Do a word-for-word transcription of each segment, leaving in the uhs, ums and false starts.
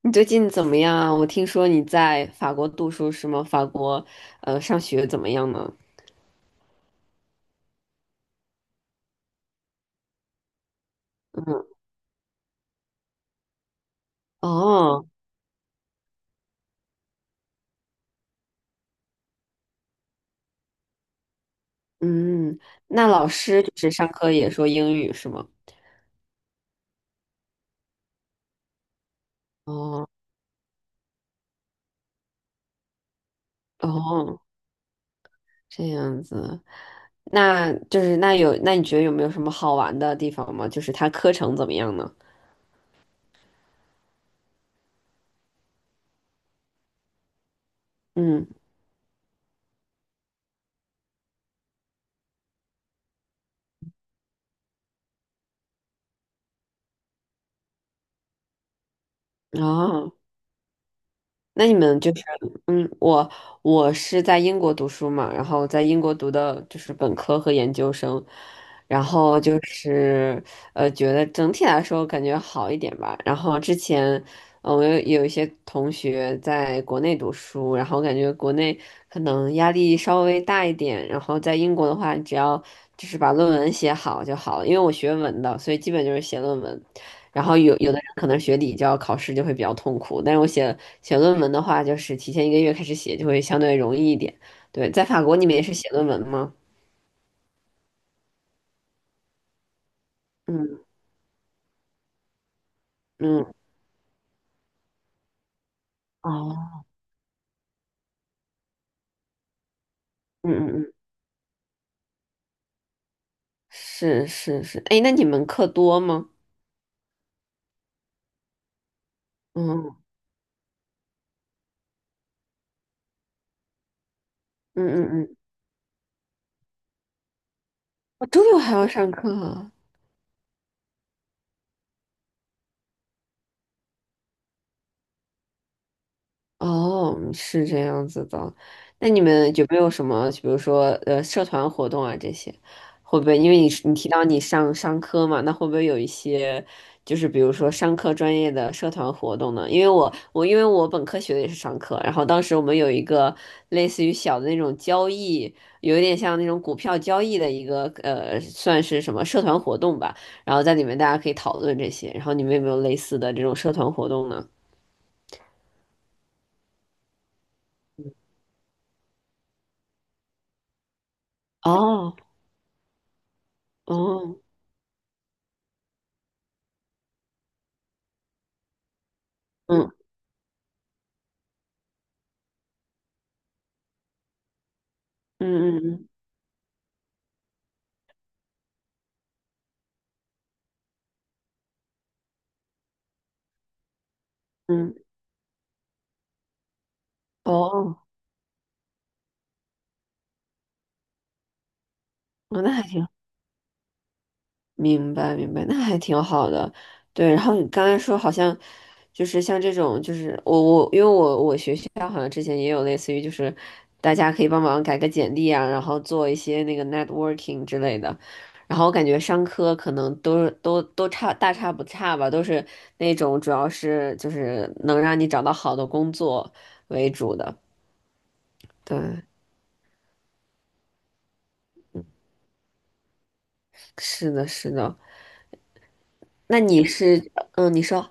你最近怎么样啊？我听说你在法国读书是吗？法国，呃，上学怎么样呢？嗯。哦。嗯。那老师就是上课也说英语是吗？哦。哦，这样子。那就是那有，那你觉得有没有什么好玩的地方吗？就是它课程怎么样呢？嗯。哦。那你们就是，嗯，我我是在英国读书嘛，然后在英国读的就是本科和研究生，然后就是呃，觉得整体来说感觉好一点吧。然后之前，呃，我有有一些同学在国内读书，然后感觉国内可能压力稍微大一点，然后在英国的话，只要就是把论文写好就好了，因为我学文的，所以基本就是写论文。然后有有的人可能学理教考试就会比较痛苦，但是我写写论文的话，就是提前一个月开始写就会相对容易一点。对，在法国你们也是写论文吗？嗯嗯。哦。嗯嗯嗯。是是是。哎，那你们课多吗？嗯嗯嗯嗯。我周六还要上课。哦，是这样子的。那你们有没有什么，比如说呃，社团活动啊这些，会不会因为你你提到你上商科嘛，那会不会有一些就是比如说商科专业的社团活动呢？因为我我因为我本科学的也是商科，然后当时我们有一个类似于小的那种交易，有一点像那种股票交易的一个呃，算是什么社团活动吧。然后在里面大家可以讨论这些，然后你们有没有类似的这种社团活动呢？哦。哦。嗯嗯嗯嗯。嗯。哦。哦那还挺，明白明白，那还挺好的。对，然后你刚才说好像就是像这种，就是我我因为我我学校好像之前也有类似于就是大家可以帮忙改个简历啊，然后做一些那个 networking 之类的。然后我感觉商科可能都都都差大差不差吧，都是那种主要是就是能让你找到好的工作为主的。对，是的，是的。那你是嗯，你说。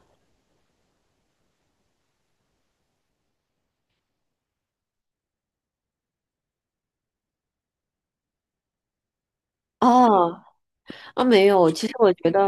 哦。啊，没有，其实我觉得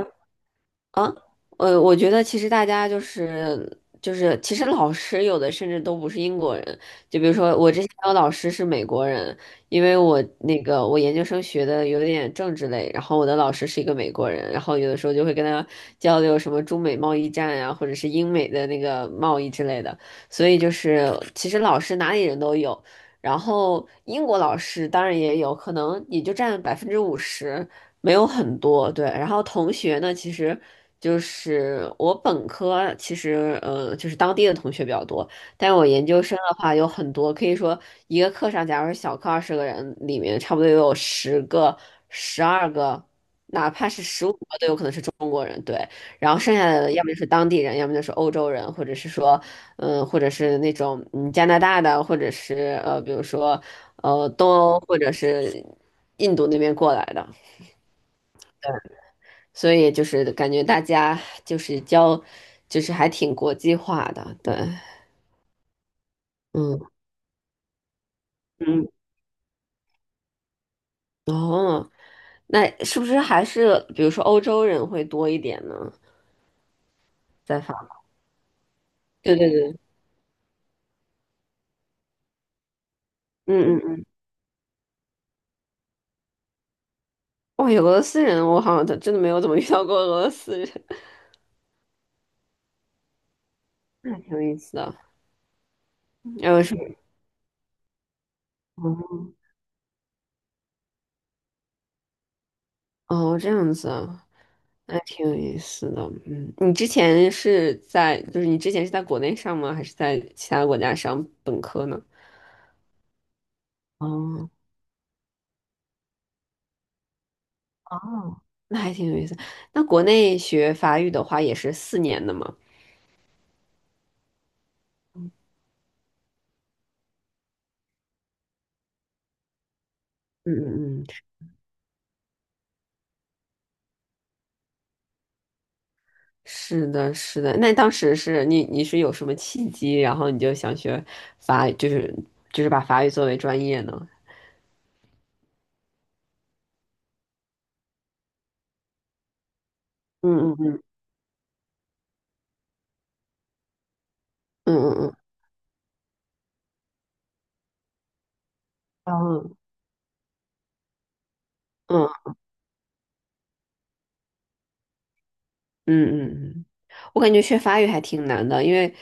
啊，呃，我觉得其实大家就是就是，其实老师有的甚至都不是英国人，就比如说我之前有老师是美国人，因为我那个我研究生学的有点政治类，然后我的老师是一个美国人，然后有的时候就会跟他交流什么中美贸易战呀、或者是英美的那个贸易之类的，所以就是其实老师哪里人都有。然后英国老师当然也有可能也就占百分之五十，没有很多，对。然后同学呢，其实就是我本科，其实呃，就是当地的同学比较多，但是我研究生的话有很多，可以说一个课上，假如是小课二十个人，里面差不多也有十个、十二个，哪怕是十五个都有可能是中国人，对。然后剩下的要么就是当地人，要么就是欧洲人，或者是说，嗯、或者是那种嗯加拿大的，或者是呃，比如说呃东欧或者是印度那边过来的。所以就是感觉大家就是教，就是还挺国际化的。对。嗯。嗯。哦，那是不是还是比如说欧洲人会多一点呢？在法国对对对。嗯嗯嗯。哇，有俄罗斯人，我好像真的没有怎么遇到过俄罗斯人。那挺有意思的。还是，哦哦，这样子啊。那挺有意思的。嗯，你之前是在，就是你之前是在国内上吗？还是在其他国家上本科呢？哦。哦，那还挺有意思。那国内学法语的话也是四年的嘛？嗯嗯嗯。是的，是的。那当时是你你是有什么契机，然后你就想学法语，就是就是把法语作为专业呢？嗯嗯嗯嗯嗯嗯。嗯嗯嗯嗯嗯。我感觉学法语还挺难的，因为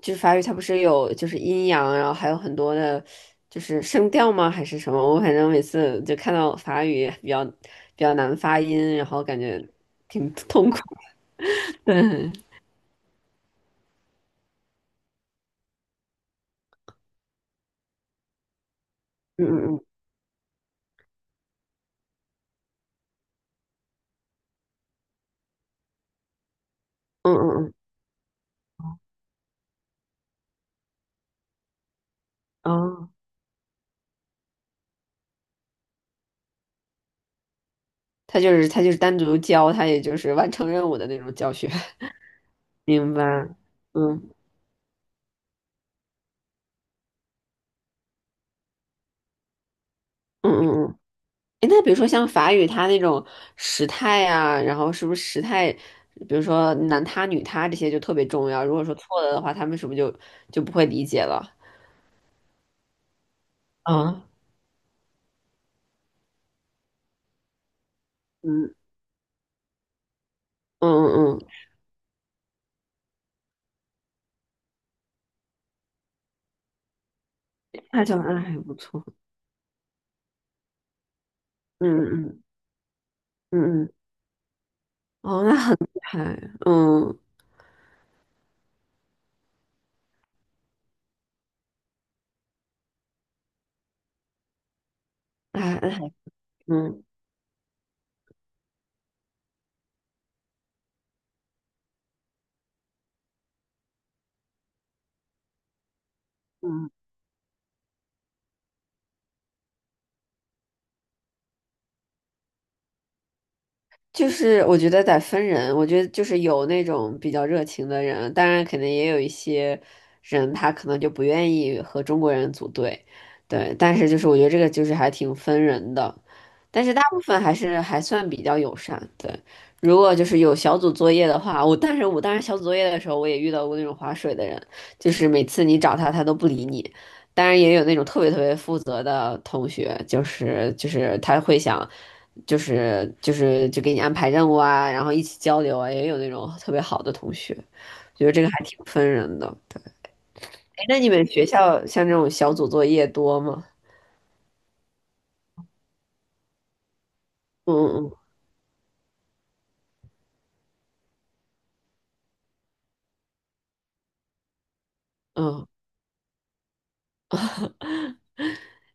就是法语它不是有就是阴阳，然后还有很多的，就是声调吗？还是什么？我反正每次就看到法语比较比较难发音，然后感觉挺痛苦的。对。嗯嗯嗯嗯嗯嗯。哦，他就是他就是单独教，他也就是完成任务的那种教学。明白。嗯嗯嗯嗯。诶那比如说像法语，它那种时态呀，然后是不是时态，比如说男他、女他这些就特别重要。如果说错了的话，他们是不是就就不会理解了？嗯。嗯嗯嗯。嗯那就那还不错。嗯嗯嗯嗯。哦，那很厉害。嗯。那还那还嗯嗯。就是我觉得得分人，我觉得就是有那种比较热情的人，当然可能也有一些人他可能就不愿意和中国人组队，对，但是就是我觉得这个就是还挺分人的，但是大部分还是还算比较友善，对。如果就是有小组作业的话，我但是我当时小组作业的时候，我也遇到过那种划水的人，就是每次你找他，他都不理你。当然也有那种特别特别负责的同学，就是就是他会想，就是就是就给你安排任务啊，然后一起交流啊，也有那种特别好的同学，觉得这个还挺分人的。哎，那你们学校像这种小组作业多吗？嗯嗯嗯。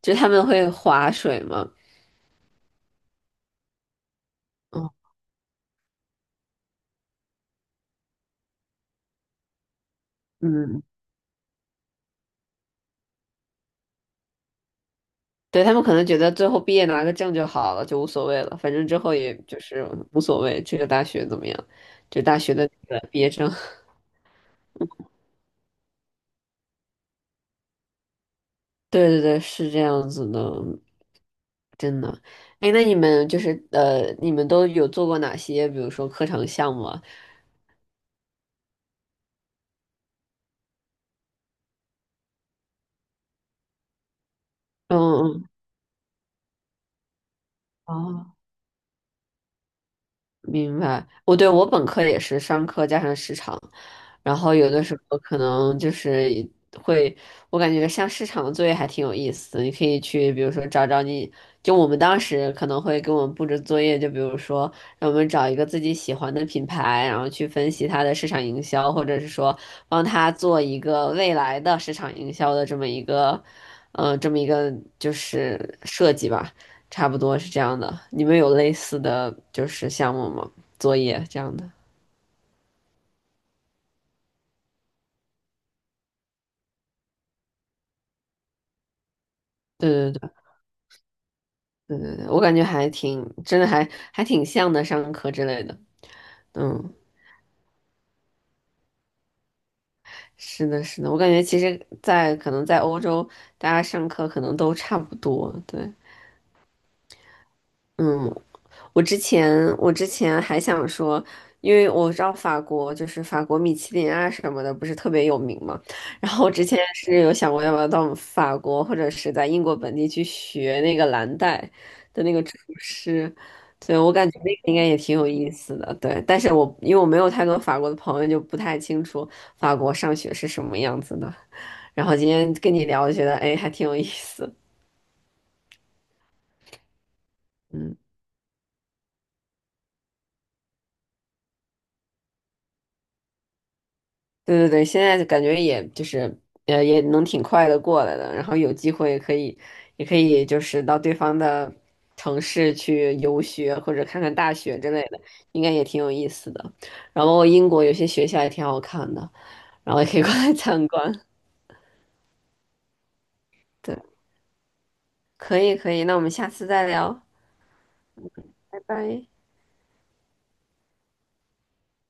就是他们会划水吗？嗯嗯。对，他们可能觉得最后毕业拿个证就好了，就无所谓了，反正之后也就是无所谓这个大学怎么样，就大学的那个毕业证。对对对，是这样子的，真的。哎，那你们就是呃，你们都有做过哪些，比如说课程项目啊？嗯嗯。哦，明白，我对我本科也是商科加上市场，然后有的时候可能就是会，我感觉像市场的作业还挺有意思的，你可以去比如说找找你，就我们当时可能会给我们布置作业，就比如说让我们找一个自己喜欢的品牌，然后去分析它的市场营销，或者是说帮他做一个未来的市场营销的这么一个，呃，这么一个就是设计吧。差不多是这样的。你们有类似的就是项目吗？作业这样的？对对对对对对，我感觉还挺，真的还还挺像的，上课之类的。嗯，是的，是的，我感觉其实在，可能在欧洲，大家上课可能都差不多。对。嗯。我之前我之前还想说，因为我知道法国就是法国米其林啊什么的，不是特别有名嘛。然后我之前是有想过要不要到法国或者是在英国本地去学那个蓝带的那个厨师，所以我感觉那个应该也挺有意思的。对，但是我因为我没有太多法国的朋友，就不太清楚法国上学是什么样子的。然后今天跟你聊，觉得哎还挺有意思。嗯。对对对，现在感觉也就是呃也能挺快的过来的，然后有机会可以也可以就是到对方的城市去游学或者看看大学之类的，应该也挺有意思的。然后英国有些学校也挺好看的，然后也可以过来参观。对，可以可以，那我们下次再聊，拜拜。